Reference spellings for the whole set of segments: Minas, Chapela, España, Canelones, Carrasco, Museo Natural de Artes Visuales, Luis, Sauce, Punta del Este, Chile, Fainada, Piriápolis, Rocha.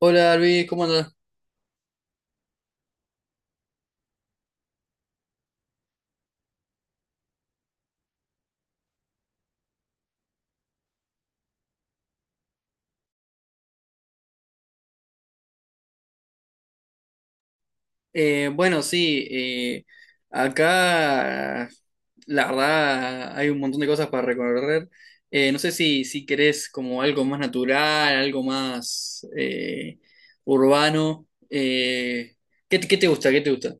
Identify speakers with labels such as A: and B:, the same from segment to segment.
A: Hola Luis, ¿cómo andás? Bueno, sí, acá la verdad hay un montón de cosas para recorrer. No sé si querés como algo más natural, algo más urbano. ¿Qué te gusta? ¿Qué te gusta?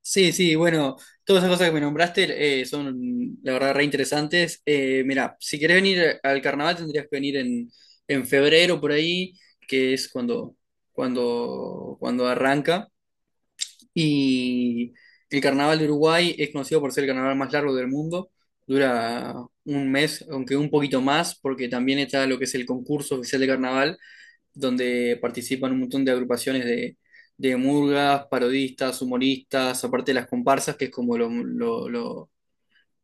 A: Sí, sí, bueno, todas esas cosas que me nombraste son, la verdad, re interesantes. Mira, si querés venir al carnaval tendrías que venir en febrero por ahí, que es cuando arranca. Y el carnaval de Uruguay es conocido por ser el carnaval más largo del mundo. Dura un mes, aunque un poquito más, porque también está lo que es el concurso oficial de carnaval donde participan un montón de agrupaciones de murgas, parodistas, humoristas, aparte de las comparsas, que es como lo, lo- lo-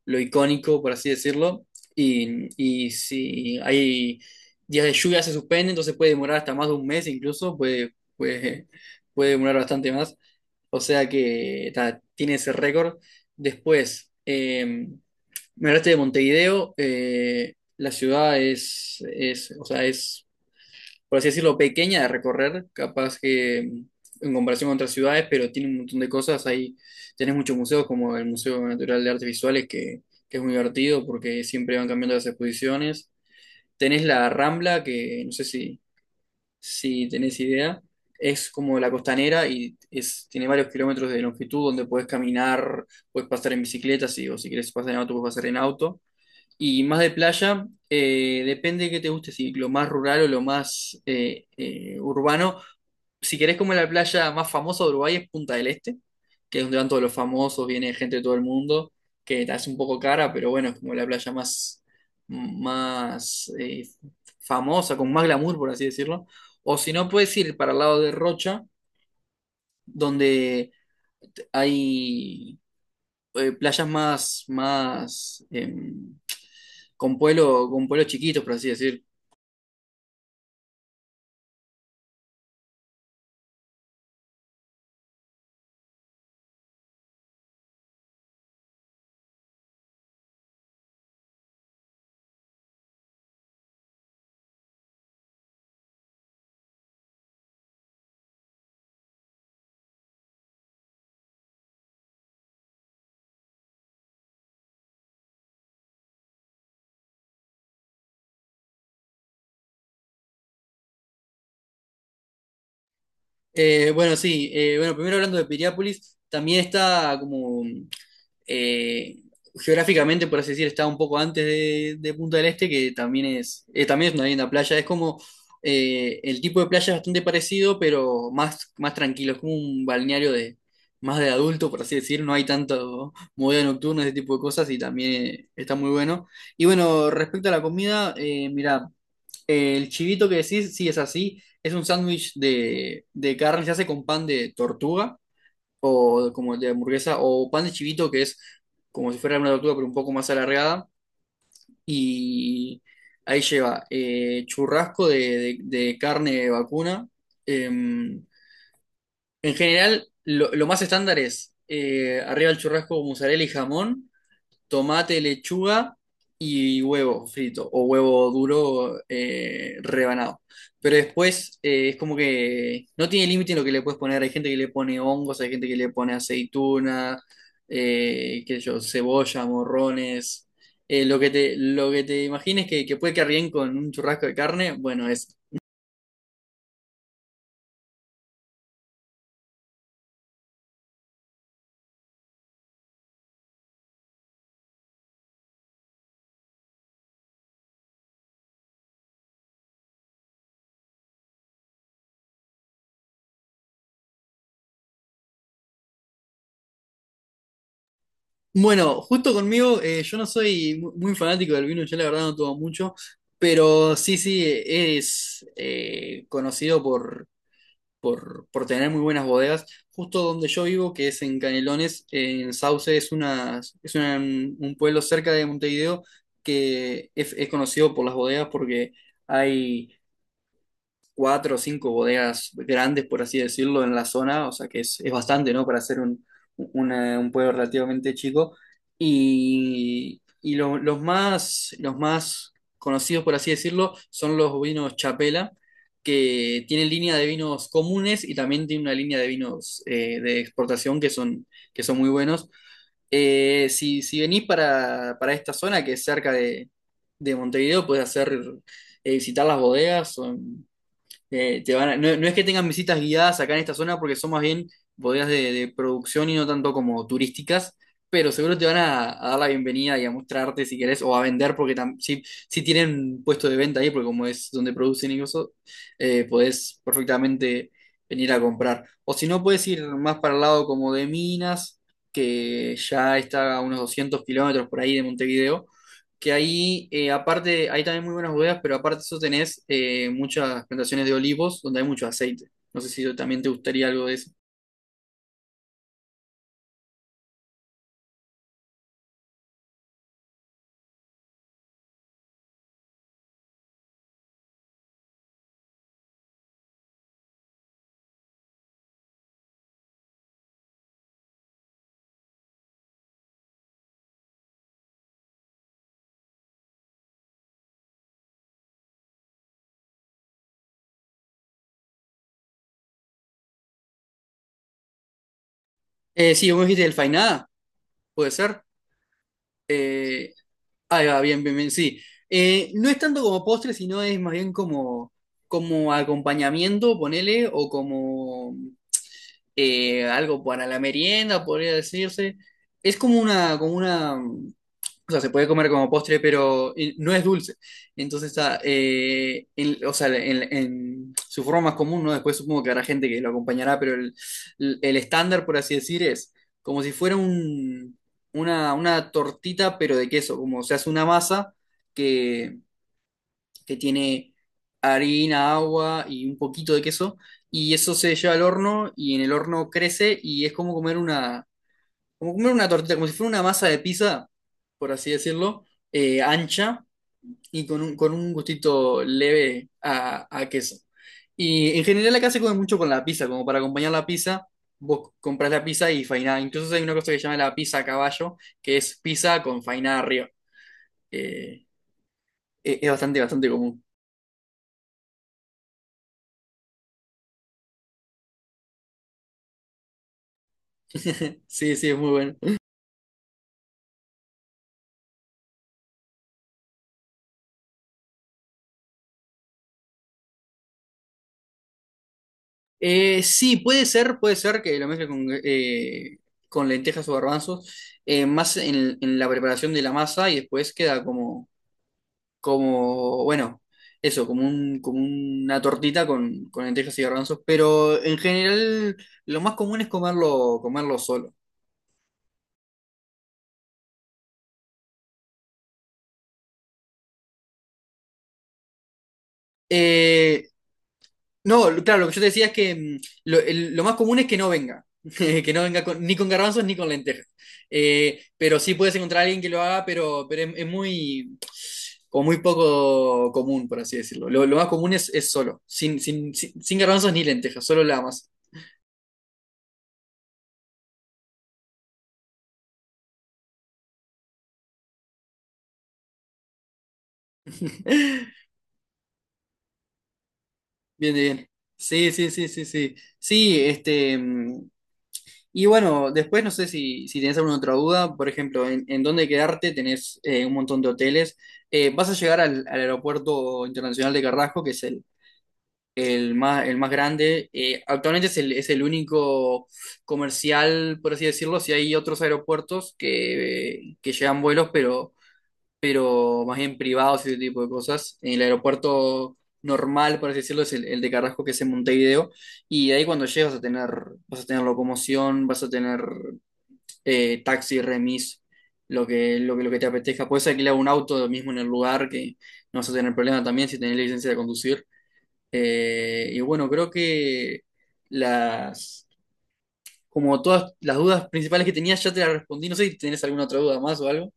A: lo icónico, por así decirlo. Y si hay días de lluvia se suspende, entonces puede demorar hasta más de un mes incluso, puede demorar bastante más. O sea que ta, tiene ese récord. Después, me hablaste de Montevideo. La ciudad es, por así decirlo, pequeña de recorrer, capaz que en comparación con otras ciudades, pero tiene un montón de cosas. Ahí tenés muchos museos, como el Museo Natural de Artes Visuales, que es muy divertido porque siempre van cambiando las exposiciones. Tenés la Rambla, que no sé si tenés idea, es como la costanera y tiene varios kilómetros de longitud donde podés caminar, puedes pasar en bicicleta, si, o si querés pasar en auto, puedes pasar en auto. Y más de playa, depende de qué te guste, si lo más rural o lo más urbano. Si querés, como la playa más famosa de Uruguay es Punta del Este, que es donde van todos los famosos, viene gente de todo el mundo, que es un poco cara, pero bueno, es como la playa más, más famosa, con más glamour, por así decirlo. O si no, puedes ir para el lado de Rocha, donde hay playas más, más con pueblo, con pueblos chiquitos, por así decir. Bueno, sí, bueno, primero hablando de Piriápolis, también está como eh, geográficamente, por así decir, está un poco antes de Punta del Este, que también es una linda playa. Es como, el tipo de playa es bastante parecido, pero más, más tranquilo, es como un balneario de más de adulto, por así decir, no hay tanto movida nocturna, ese tipo de cosas, y también está muy bueno. Y bueno, respecto a la comida, mira, el chivito que decís, sí es así, es un sándwich de carne, se hace con pan de tortuga o como de hamburguesa o pan de chivito, que es como si fuera una tortuga pero un poco más alargada, y ahí lleva churrasco de- de carne de vacuna. En general lo más estándar es arriba el churrasco, mozzarella y jamón, tomate, lechuga y huevo frito o huevo duro, rebanado. Pero después, es como que no tiene límite en lo que le puedes poner. Hay gente que le pone hongos, hay gente que le pone aceituna, qué sé yo, cebolla, morrones. Lo que te imagines que puede quedar bien con un churrasco de carne, bueno, es. Bueno, justo conmigo, yo no soy muy fanático del vino, yo la verdad no tomo mucho, pero sí, sí, es, conocido por tener muy buenas bodegas. Justo donde yo vivo, que es en Canelones, en Sauce, un pueblo cerca de Montevideo que es conocido por las bodegas porque hay cuatro o cinco bodegas grandes, por así decirlo, en la zona, o sea que es bastante, ¿no? Para ser un pueblo relativamente chico. Y los más conocidos, por así decirlo, son los vinos Chapela, que tienen línea de vinos comunes y también tienen una línea de vinos, de exportación que son muy buenos. Si venís para esta zona que es cerca de Montevideo, puedes hacer, visitar las bodegas, o no, no es que tengan visitas guiadas acá en esta zona porque son más bien bodegas de producción y no tanto como turísticas, pero seguro te van a dar la bienvenida y a mostrarte si querés, o a vender porque si tienen puesto de venta ahí, porque como es donde producen y eso, podés perfectamente venir a comprar. O si no, podés ir más para el lado como de Minas, que ya está a unos 200 kilómetros por ahí de Montevideo, que ahí, aparte, hay también muy buenas bodegas, pero aparte de eso tenés, muchas plantaciones de olivos donde hay mucho aceite. No sé si también te gustaría algo de eso. Sí, vos dijiste del Fainada, puede ser. Eh, ahí va, bien, bien, bien, sí. No es tanto como postre, sino es más bien como, como acompañamiento, ponele, o como, algo para la merienda, podría decirse. Es como una, como una. O sea, se puede comer como postre, pero no es dulce. Entonces está, o sea, en su forma más común, ¿no? Después supongo que habrá gente que lo acompañará, pero el estándar, por así decir, es como si fuera un, una tortita, pero de queso, como se hace una masa que, que tiene harina, agua y un poquito de queso, y eso se lleva al horno y en el horno crece y es como comer una, como comer una tortilla, como si fuera una masa de pizza, por así decirlo, ancha y con un gustito leve a queso. Y en general acá se come mucho con la pizza, como para acompañar la pizza, vos compras la pizza y fainá. Incluso hay una cosa que se llama la pizza a caballo, que es pizza con fainá arriba. Eh, es bastante, bastante común. Sí, sí, es muy bueno. Sí, puede ser que lo mezcle con lentejas o garbanzos, más en la preparación de la masa y después queda como, como, bueno, eso, como un, como una tortita con lentejas y garbanzos, pero en general lo más común es comerlo solo. Eh, No, claro, lo que yo te decía es que mm, lo más común es que no venga, que no venga ni con garbanzos ni con lentejas. Pero sí puedes encontrar a alguien que lo haga, pero es muy, como muy poco común, por así decirlo. Lo más común es solo, sin garbanzos ni lentejas, solo la masa. Bien, bien. Sí, sí, sí, sí, sí. Sí, este, mm, y bueno, después no sé si tenés alguna otra duda, por ejemplo, en dónde quedarte tenés, un montón de hoteles. Vas a llegar al aeropuerto internacional de Carrasco, que es el más grande. Actualmente es el único comercial, por así decirlo, si hay otros aeropuertos que llevan vuelos, pero más bien privados y ese tipo de cosas. El aeropuerto normal, por así decirlo, es el de Carrasco, que es en Montevideo. Y de ahí cuando llegas vas a tener locomoción, vas a tener, taxi, remis, lo que te apetezca. Puedes alquilar un auto lo mismo en el lugar que no vas a tener problema también si tenés licencia de conducir. Y bueno, creo que las, como todas las dudas principales que tenía ya te las respondí. No sé si tenés alguna otra duda más o algo.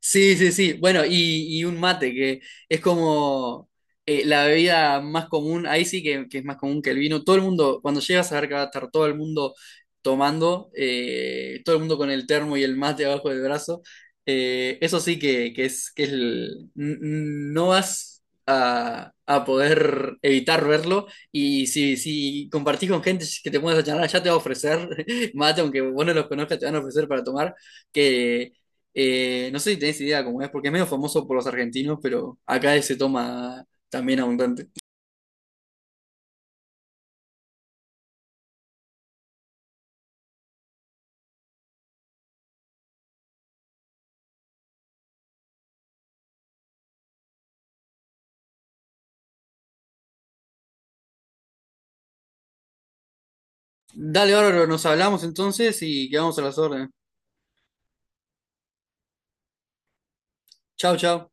A: Sí, sí, sí. Bueno, y un mate, que es como, la bebida más común, ahí sí que es más común que el vino. Todo el mundo, cuando llegas a ver que va a estar todo el mundo tomando, todo el mundo con el termo y el mate abajo del brazo, eso sí que es, no vas a poder evitar verlo. Y si compartís con gente que te pones a charlar, ya te va a ofrecer mate, aunque vos no los conozcas, te van a ofrecer para tomar que, no sé si tenés idea cómo es, porque es medio famoso por los argentinos, pero acá se toma también abundante. Dale, bárbaro, nos hablamos entonces y quedamos a las órdenes. Chau, chau.